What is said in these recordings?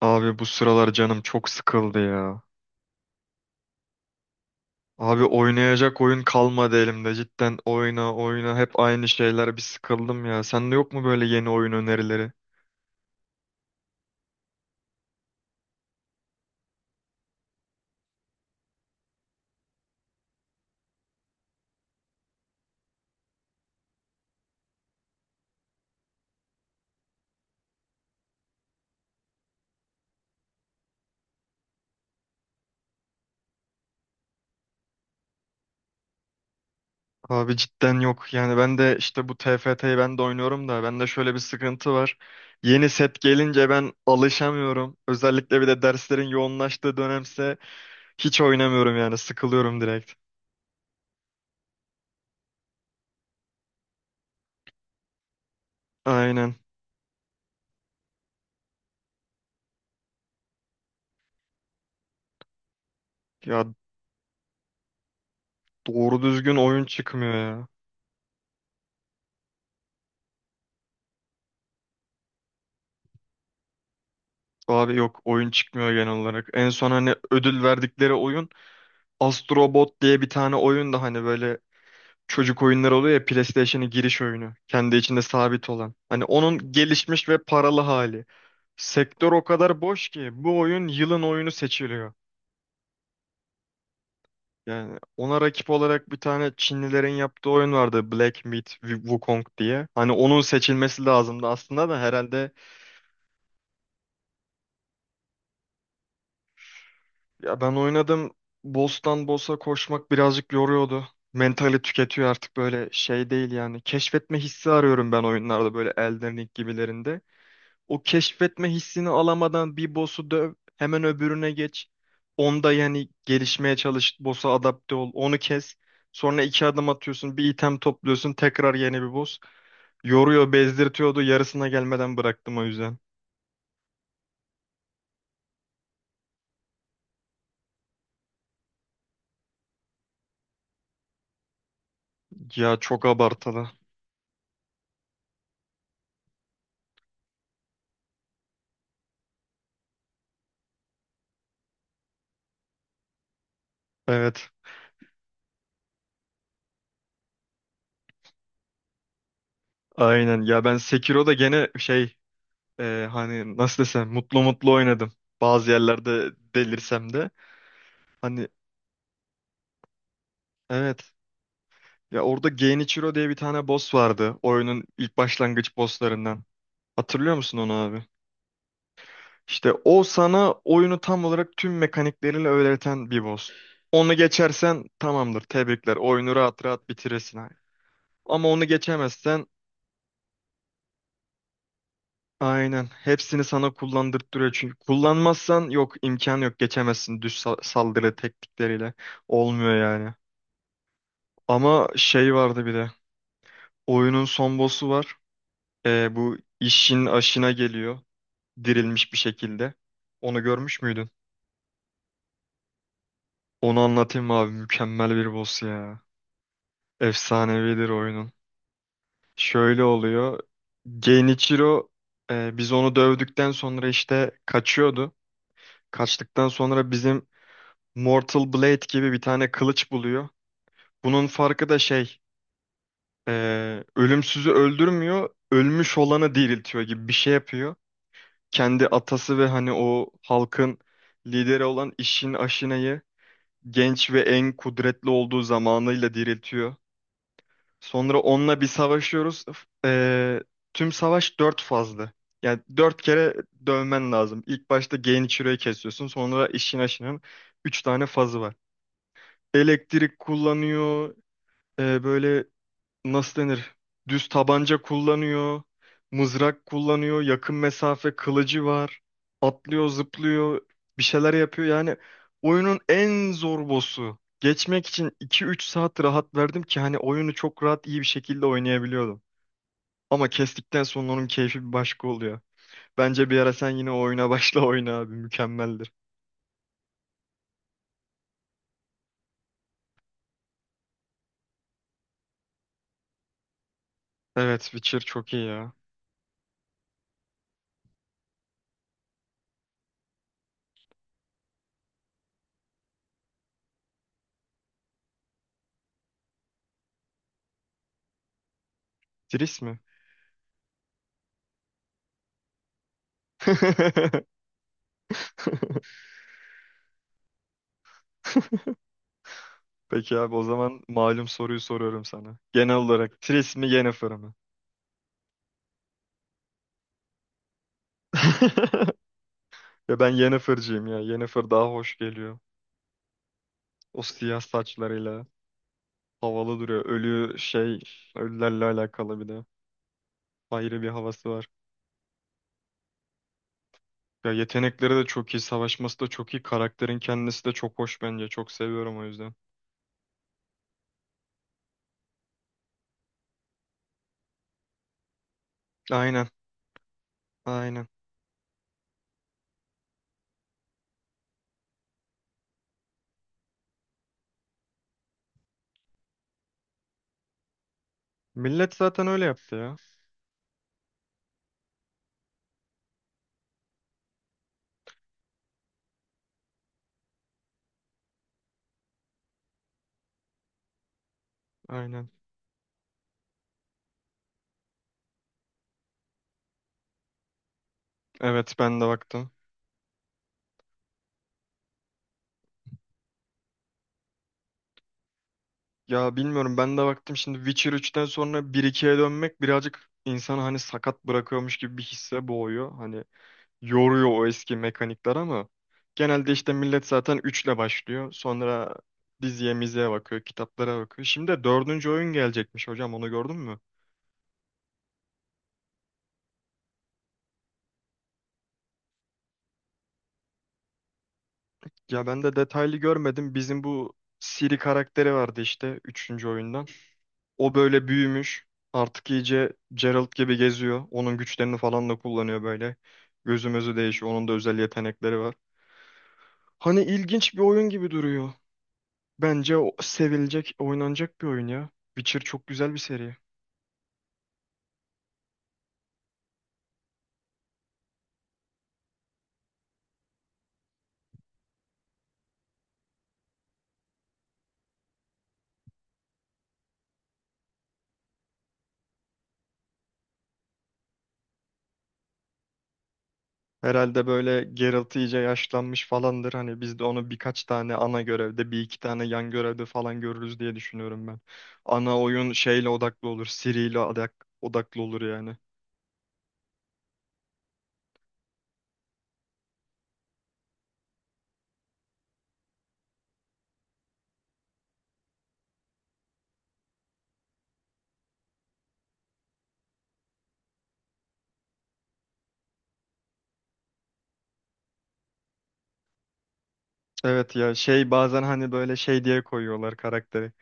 Abi bu sıralar canım çok sıkıldı ya. Abi oynayacak oyun kalmadı elimde. Cidden oyna oyna hep aynı şeyler bir sıkıldım ya. Sende yok mu böyle yeni oyun önerileri? Abi cidden yok. Yani ben de işte bu TFT'yi ben de oynuyorum da bende şöyle bir sıkıntı var. Yeni set gelince ben alışamıyorum. Özellikle bir de derslerin yoğunlaştığı dönemse hiç oynamıyorum yani sıkılıyorum direkt. Aynen. Ya doğru düzgün oyun çıkmıyor ya. Abi yok oyun çıkmıyor genel olarak. En son hani ödül verdikleri oyun Astrobot diye bir tane oyun da hani böyle çocuk oyunları oluyor ya, PlayStation'ın giriş oyunu. Kendi içinde sabit olan. Hani onun gelişmiş ve paralı hali. Sektör o kadar boş ki bu oyun yılın oyunu seçiliyor. Yani ona rakip olarak bir tane Çinlilerin yaptığı oyun vardı, Black Myth Wukong diye. Hani onun seçilmesi lazımdı aslında da herhalde. Ya ben oynadım. Boss'tan boss'a koşmak birazcık yoruyordu. Mentali tüketiyor artık, böyle şey değil yani. Keşfetme hissi arıyorum ben oyunlarda, böyle Elden Ring gibilerinde. O keşfetme hissini alamadan bir boss'u döv, hemen öbürüne geç. Onda yani gelişmeye çalış, boss'a adapte ol, onu kes. Sonra iki adım atıyorsun, bir item topluyorsun, tekrar yeni bir boss. Yoruyor, bezdirtiyordu. Yarısına gelmeden bıraktım o yüzden. Ya çok abartılı. Evet. Aynen. Ya ben Sekiro'da gene şey, hani nasıl desem mutlu mutlu oynadım. Bazı yerlerde delirsem de. Hani evet. Ya orada Genichiro diye bir tane boss vardı. Oyunun ilk başlangıç bosslarından. Hatırlıyor musun onu abi? İşte o sana oyunu tam olarak tüm mekanikleriyle öğreten bir boss. Onu geçersen tamamdır. Tebrikler. Oyunu rahat rahat bitirirsin abi. Ama onu geçemezsen aynen hepsini sana kullandırtıyor. Çünkü kullanmazsan yok, imkan yok, geçemezsin düz saldırı teknikleriyle. Olmuyor yani. Ama şey vardı bir de. Oyunun son boss'u var. Bu işin aşına geliyor. Dirilmiş bir şekilde. Onu görmüş müydün? Onu anlatayım mı abi. Mükemmel bir boss ya. Efsanevidir oyunun. Şöyle oluyor. Genichiro biz onu dövdükten sonra işte kaçıyordu. Kaçtıktan sonra bizim Mortal Blade gibi bir tane kılıç buluyor. Bunun farkı da şey. Ölümsüzü öldürmüyor. Ölmüş olanı diriltiyor gibi bir şey yapıyor. Kendi atası ve hani o halkın lideri olan İşin Aşine'yi genç ve en kudretli olduğu zamanıyla diriltiyor. Sonra onunla bir savaşıyoruz. Tüm savaş dört fazlı. Yani dört kere dövmen lazım. İlk başta Genichiro'yu kesiyorsun. Sonra İşin Aşine'nin üç tane fazı var. Elektrik kullanıyor. Böyle nasıl denir? Düz tabanca kullanıyor, mızrak kullanıyor, yakın mesafe kılıcı var. Atlıyor, zıplıyor, bir şeyler yapıyor. Yani oyunun en zor boss'u. Geçmek için iki üç saat rahat verdim ki hani oyunu çok rahat iyi bir şekilde oynayabiliyordum. Ama kestikten sonra onun keyfi bir başka oluyor. Bence bir ara sen yine o oyuna başla, oyna abi, mükemmeldir. Evet, Witcher çok iyi ya. Triss mi? Peki abi, o zaman malum soruyu soruyorum sana. Genel olarak Tris mi Yennefer mı? Ya ben Yennefer'cıyım ya. Yennefer daha hoş geliyor. O siyah saçlarıyla havalı duruyor. Ölü şey, ölülerle alakalı bir de. Ayrı bir havası var. Ya yetenekleri de çok iyi, savaşması da çok iyi. Karakterin kendisi de çok hoş bence. Çok seviyorum o yüzden. Aynen, aynen. Millet zaten öyle yaptı ya. Aynen. Evet ben de baktım. Ya bilmiyorum, ben de baktım şimdi, Witcher üçten sonra bir ikiye dönmek birazcık insanı hani sakat bırakıyormuş gibi bir hisse boğuyor. Hani yoruyor o eski mekanikler ama genelde işte millet zaten üçle başlıyor. Sonra diziye miziye bakıyor, kitaplara bakıyor. Şimdi de 4. oyun gelecekmiş hocam, onu gördün mü? Ya ben de detaylı görmedim. Bizim bu Siri karakteri vardı işte üçüncü oyundan. O böyle büyümüş. Artık iyice Geralt gibi geziyor. Onun güçlerini falan da kullanıyor böyle. Gözümüzü değişiyor. Onun da özel yetenekleri var. Hani ilginç bir oyun gibi duruyor. Bence o sevilecek, oynanacak bir oyun ya. Witcher çok güzel bir seri. Herhalde böyle Geralt iyice yaşlanmış falandır. Hani biz de onu birkaç tane ana görevde, bir iki tane yan görevde falan görürüz diye düşünüyorum ben. Ana oyun şeyle odaklı olur, Ciri'yle odaklı olur yani. Evet ya, şey bazen hani böyle şey diye koyuyorlar karakteri.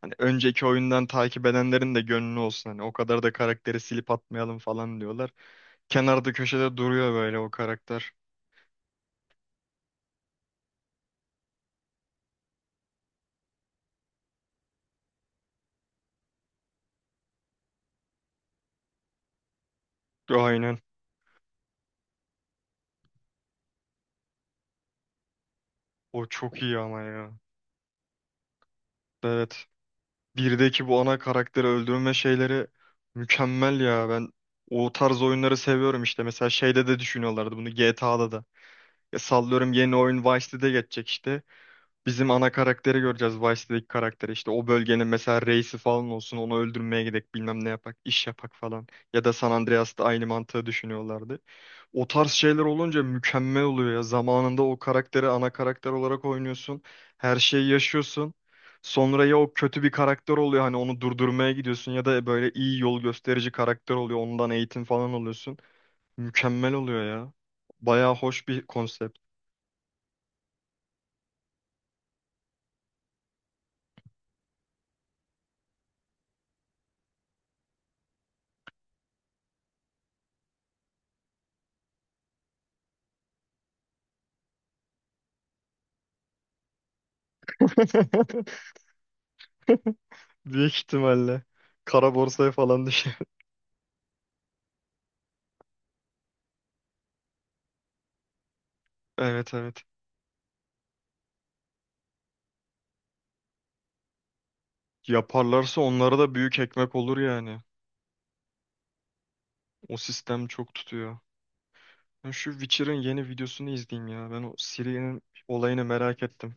Hani önceki oyundan takip edenlerin de gönlü olsun. Hani o kadar da karakteri silip atmayalım falan diyorlar. Kenarda köşede duruyor böyle o karakter. Aynen. O çok iyi ama ya. Evet. Birdeki bu ana karakteri öldürme şeyleri mükemmel ya. Ben o tarz oyunları seviyorum işte. Mesela şeyde de düşünüyorlardı bunu, GTA'da da. Ya sallıyorum, yeni oyun Vice City'de geçecek işte. Bizim ana karakteri göreceğiz. Vice City'deki karakteri işte o bölgenin mesela reisi falan olsun, onu öldürmeye gidek, bilmem ne yapak, iş yapak falan. Ya da San Andreas'ta aynı mantığı düşünüyorlardı. O tarz şeyler olunca mükemmel oluyor ya. Zamanında o karakteri ana karakter olarak oynuyorsun. Her şeyi yaşıyorsun. Sonra ya o kötü bir karakter oluyor hani onu durdurmaya gidiyorsun, ya da böyle iyi yol gösterici karakter oluyor. Ondan eğitim falan alıyorsun. Mükemmel oluyor ya. Bayağı hoş bir konsept. Büyük ihtimalle. Kara borsaya falan düşer. Evet, evet. Yaparlarsa onlara da büyük ekmek olur yani. O sistem çok tutuyor. Ben şu Witcher'ın yeni videosunu izleyeyim ya. Ben o Ciri'nin olayını merak ettim.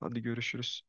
Hadi görüşürüz.